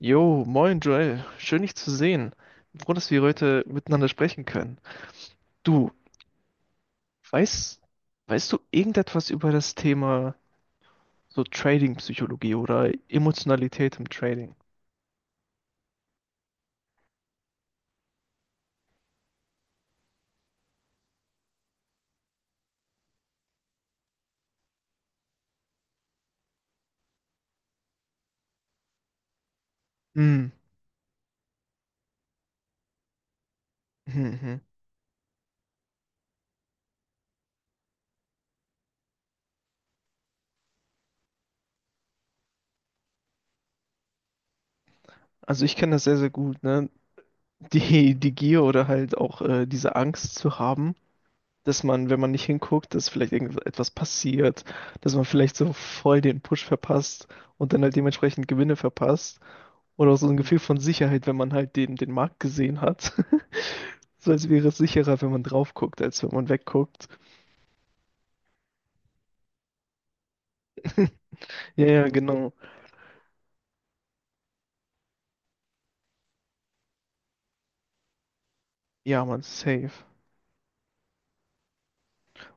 Jo, moin Joel, schön dich zu sehen. Bin Froh, dass wir heute miteinander sprechen können. Du, weißt, weißt du irgendetwas über das Thema so Trading-Psychologie oder Emotionalität im Trading? Hm. Mhm. Mhm. Also ich kenne das sehr, sehr gut, ne? Die Gier oder halt auch diese Angst zu haben, dass man, wenn man nicht hinguckt, dass vielleicht irgendetwas passiert, dass man vielleicht so voll den Push verpasst und dann halt dementsprechend Gewinne verpasst. Oder auch so ein Gefühl von Sicherheit, wenn man halt den Markt gesehen hat. So als wäre es sicherer, wenn man drauf guckt, als wenn man wegguckt. Ja, ja, genau. Ja, man, safe.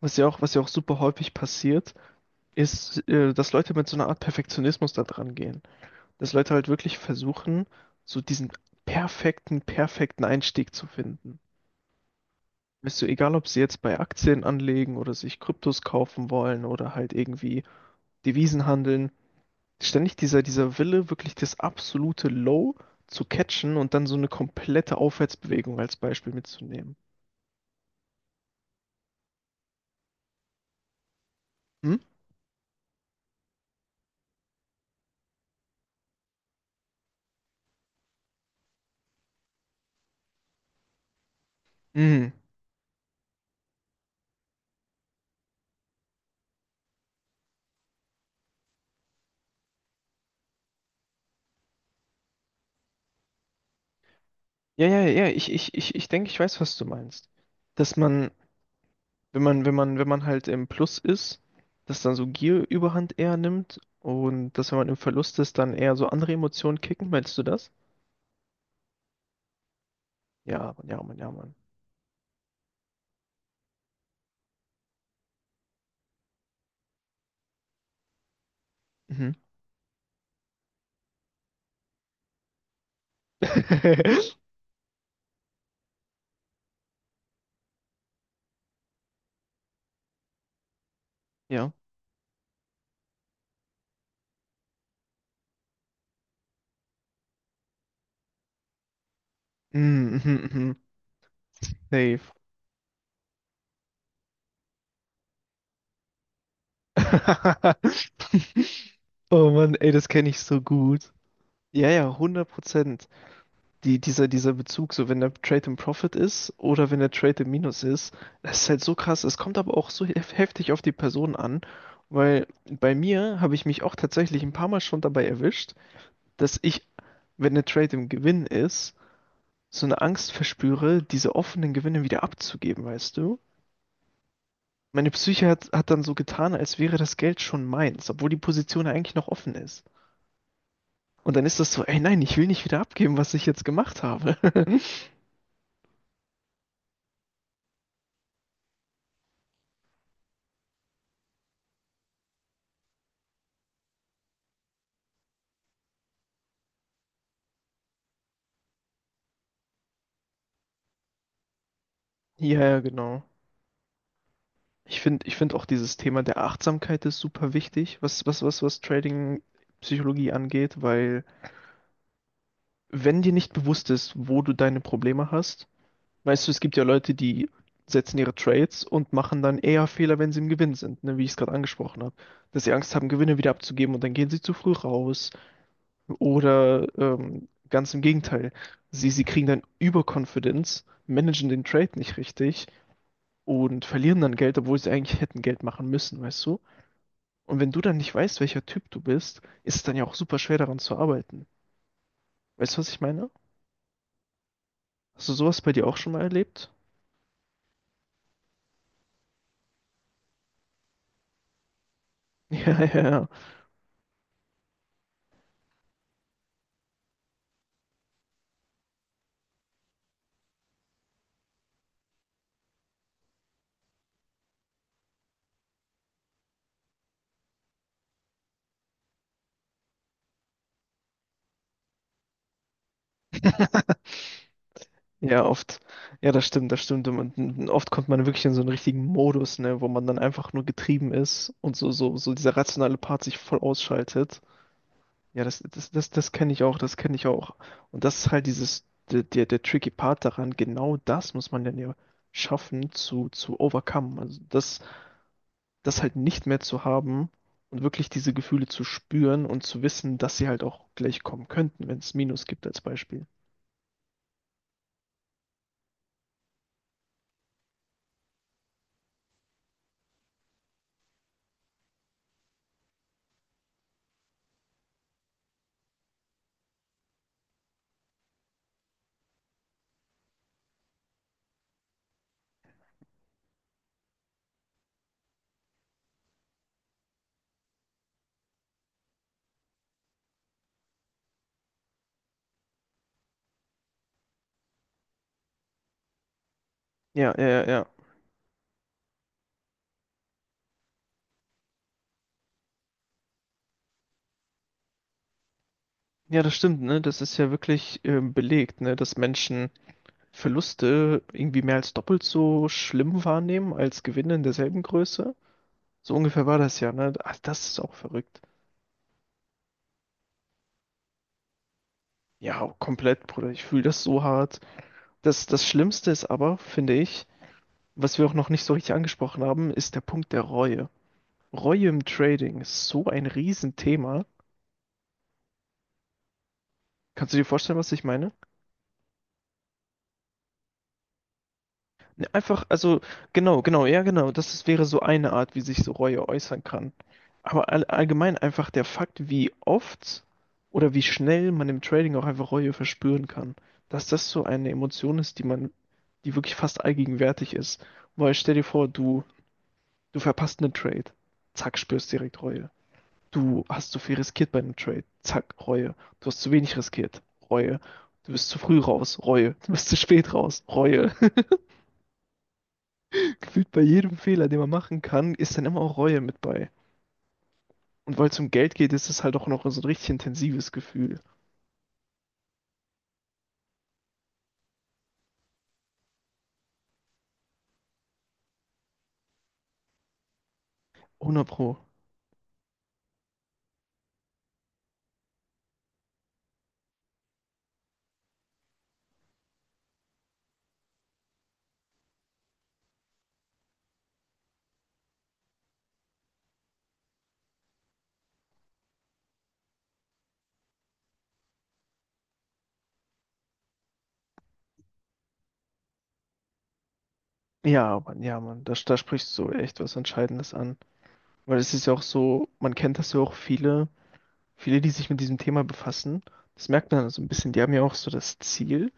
Was ja auch super häufig passiert, ist, dass Leute mit so einer Art Perfektionismus da dran gehen. Dass Leute halt wirklich versuchen, so diesen perfekten Einstieg zu finden. Weißt du, egal ob sie jetzt bei Aktien anlegen oder sich Kryptos kaufen wollen oder halt irgendwie Devisen handeln, ständig dieser Wille, wirklich das absolute Low zu catchen und dann so eine komplette Aufwärtsbewegung als Beispiel mitzunehmen. Hm? Mhm. Ja, ja, ja, ich denke, ich weiß, was du meinst. Dass man, wenn man halt im Plus ist, dass dann so Gier überhand eher nimmt und dass, wenn man im Verlust ist, dann eher so andere Emotionen kicken, meinst du das? Ja, Mann, ja, Mann, ja, Mann. Mhm. Ja. Mhm, mhm, mhm. Safe. Oh Mann, ey, das kenne ich so gut. Ja, ja, 100%. Die, dieser Bezug, so wenn der Trade im Profit ist oder wenn der Trade im Minus ist, das ist halt so krass. Es kommt aber auch so heftig auf die Person an, weil bei mir habe ich mich auch tatsächlich ein paar Mal schon dabei erwischt, dass ich, wenn der Trade im Gewinn ist, so eine Angst verspüre, diese offenen Gewinne wieder abzugeben, weißt du? Meine Psyche hat dann so getan, als wäre das Geld schon meins, obwohl die Position ja eigentlich noch offen ist. Und dann ist das so, ey nein, ich will nicht wieder abgeben, was ich jetzt gemacht habe. ja, ja, genau. Ich finde auch dieses Thema der Achtsamkeit ist super wichtig, was Trading-Psychologie angeht, weil wenn dir nicht bewusst ist, wo du deine Probleme hast. Weißt du, es gibt ja Leute, die setzen ihre Trades und machen dann eher Fehler, wenn sie im Gewinn sind, ne, wie ich es gerade angesprochen habe. Dass sie Angst haben, Gewinne wieder abzugeben und dann gehen sie zu früh raus. Oder ganz im Gegenteil, sie kriegen dann Überconfidence, managen den Trade nicht richtig und verlieren dann Geld, obwohl sie eigentlich hätten Geld machen müssen, weißt du? Und wenn du dann nicht weißt, welcher Typ du bist, ist es dann ja auch super schwer daran zu arbeiten. Weißt du, was ich meine? Hast du sowas bei dir auch schon mal erlebt? Ja, ja, ja. Ja, oft. Ja, das stimmt, das stimmt. Und oft kommt man wirklich in so einen richtigen Modus, ne, wo man dann einfach nur getrieben ist und so dieser rationale Part sich voll ausschaltet. Ja, das kenne ich auch, das kenne ich auch. Und das ist halt dieses, der tricky Part daran, genau das muss man dann ja schaffen zu overcome. Also das, das halt nicht mehr zu haben und wirklich diese Gefühle zu spüren und zu wissen, dass sie halt auch gleich kommen könnten, wenn es Minus gibt als Beispiel. Ja, ja, ja, ja. Ja, das stimmt, ne? Das ist ja wirklich belegt, ne? Dass Menschen Verluste irgendwie mehr als doppelt so schlimm wahrnehmen als Gewinne in derselben Größe. So ungefähr war das ja, ne? Ach, das ist auch verrückt. Ja, komplett, Bruder. Ich fühle das so hart. Das, das Schlimmste ist aber, finde ich, was wir auch noch nicht so richtig angesprochen haben, ist der Punkt der Reue. Reue im Trading ist so ein Riesenthema. Kannst du dir vorstellen, was ich meine? Ne, einfach, also, genau, genau, ja, genau. Das ist, wäre so eine Art, wie sich so Reue äußern kann. Aber allgemein einfach der Fakt, wie oft oder wie schnell man im Trading auch einfach Reue verspüren kann. Dass das so eine Emotion ist, die man, die wirklich fast allgegenwärtig ist. Weil stell dir vor, du verpasst einen Trade. Zack, spürst direkt Reue. Du hast zu viel riskiert bei einem Trade. Zack, Reue. Du hast zu wenig riskiert. Reue. Du bist zu früh raus. Reue. Du bist zu spät raus. Reue. Gefühlt bei jedem Fehler, den man machen kann, ist dann immer auch Reue mit bei. Und weil es um Geld geht, ist es halt auch noch so ein richtig intensives Gefühl. 100 Pro. Ja, Mann, da, da sprichst du echt was Entscheidendes an. Weil es ist ja auch so, man kennt das ja auch viele, viele, die sich mit diesem Thema befassen. Das merkt man so ein bisschen, die haben ja auch so das Ziel,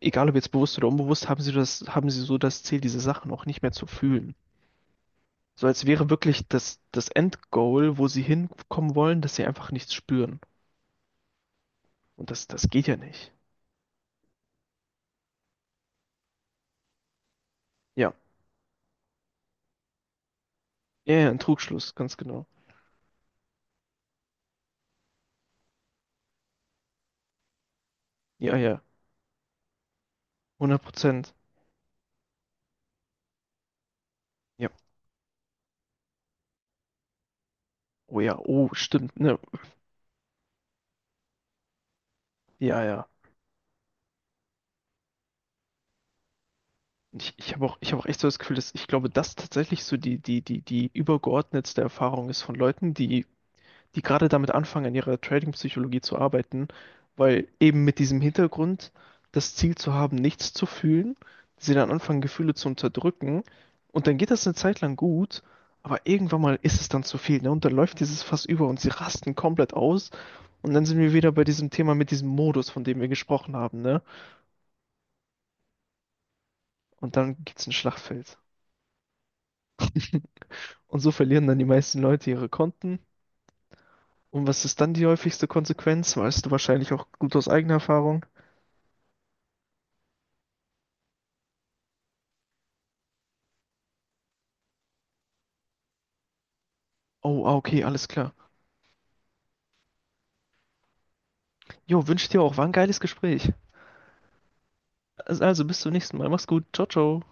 egal ob jetzt bewusst oder unbewusst, haben sie das, haben sie so das Ziel, diese Sachen auch nicht mehr zu fühlen. So als wäre wirklich das, das Endgoal, wo sie hinkommen wollen, dass sie einfach nichts spüren. Und das, das geht ja nicht. Ja. Ja, ja, ein Trugschluss, ganz genau. Ja, ja. 100%. Ja. Oh ja, oh, stimmt. Ne? Ja, ja. Ich habe auch echt so das Gefühl, dass ich glaube, dass tatsächlich so die übergeordnetste Erfahrung ist von Leuten, die gerade damit anfangen, an ihrer Trading-Psychologie zu arbeiten, weil eben mit diesem Hintergrund, das Ziel zu haben, nichts zu fühlen, sie dann anfangen, Gefühle zu unterdrücken und dann geht das eine Zeit lang gut, aber irgendwann mal ist es dann zu viel, ne? Und dann läuft dieses Fass über und sie rasten komplett aus und dann sind wir wieder bei diesem Thema mit diesem Modus, von dem wir gesprochen haben, ne? Und dann gibt's ein Schlachtfeld. Und so verlieren dann die meisten Leute ihre Konten. Und was ist dann die häufigste Konsequenz? Weißt du wahrscheinlich auch gut aus eigener Erfahrung. Oh, ah, okay, alles klar. Jo, wünsche dir auch. War ein geiles Gespräch. Also bis zum nächsten Mal. Mach's gut. Ciao, ciao.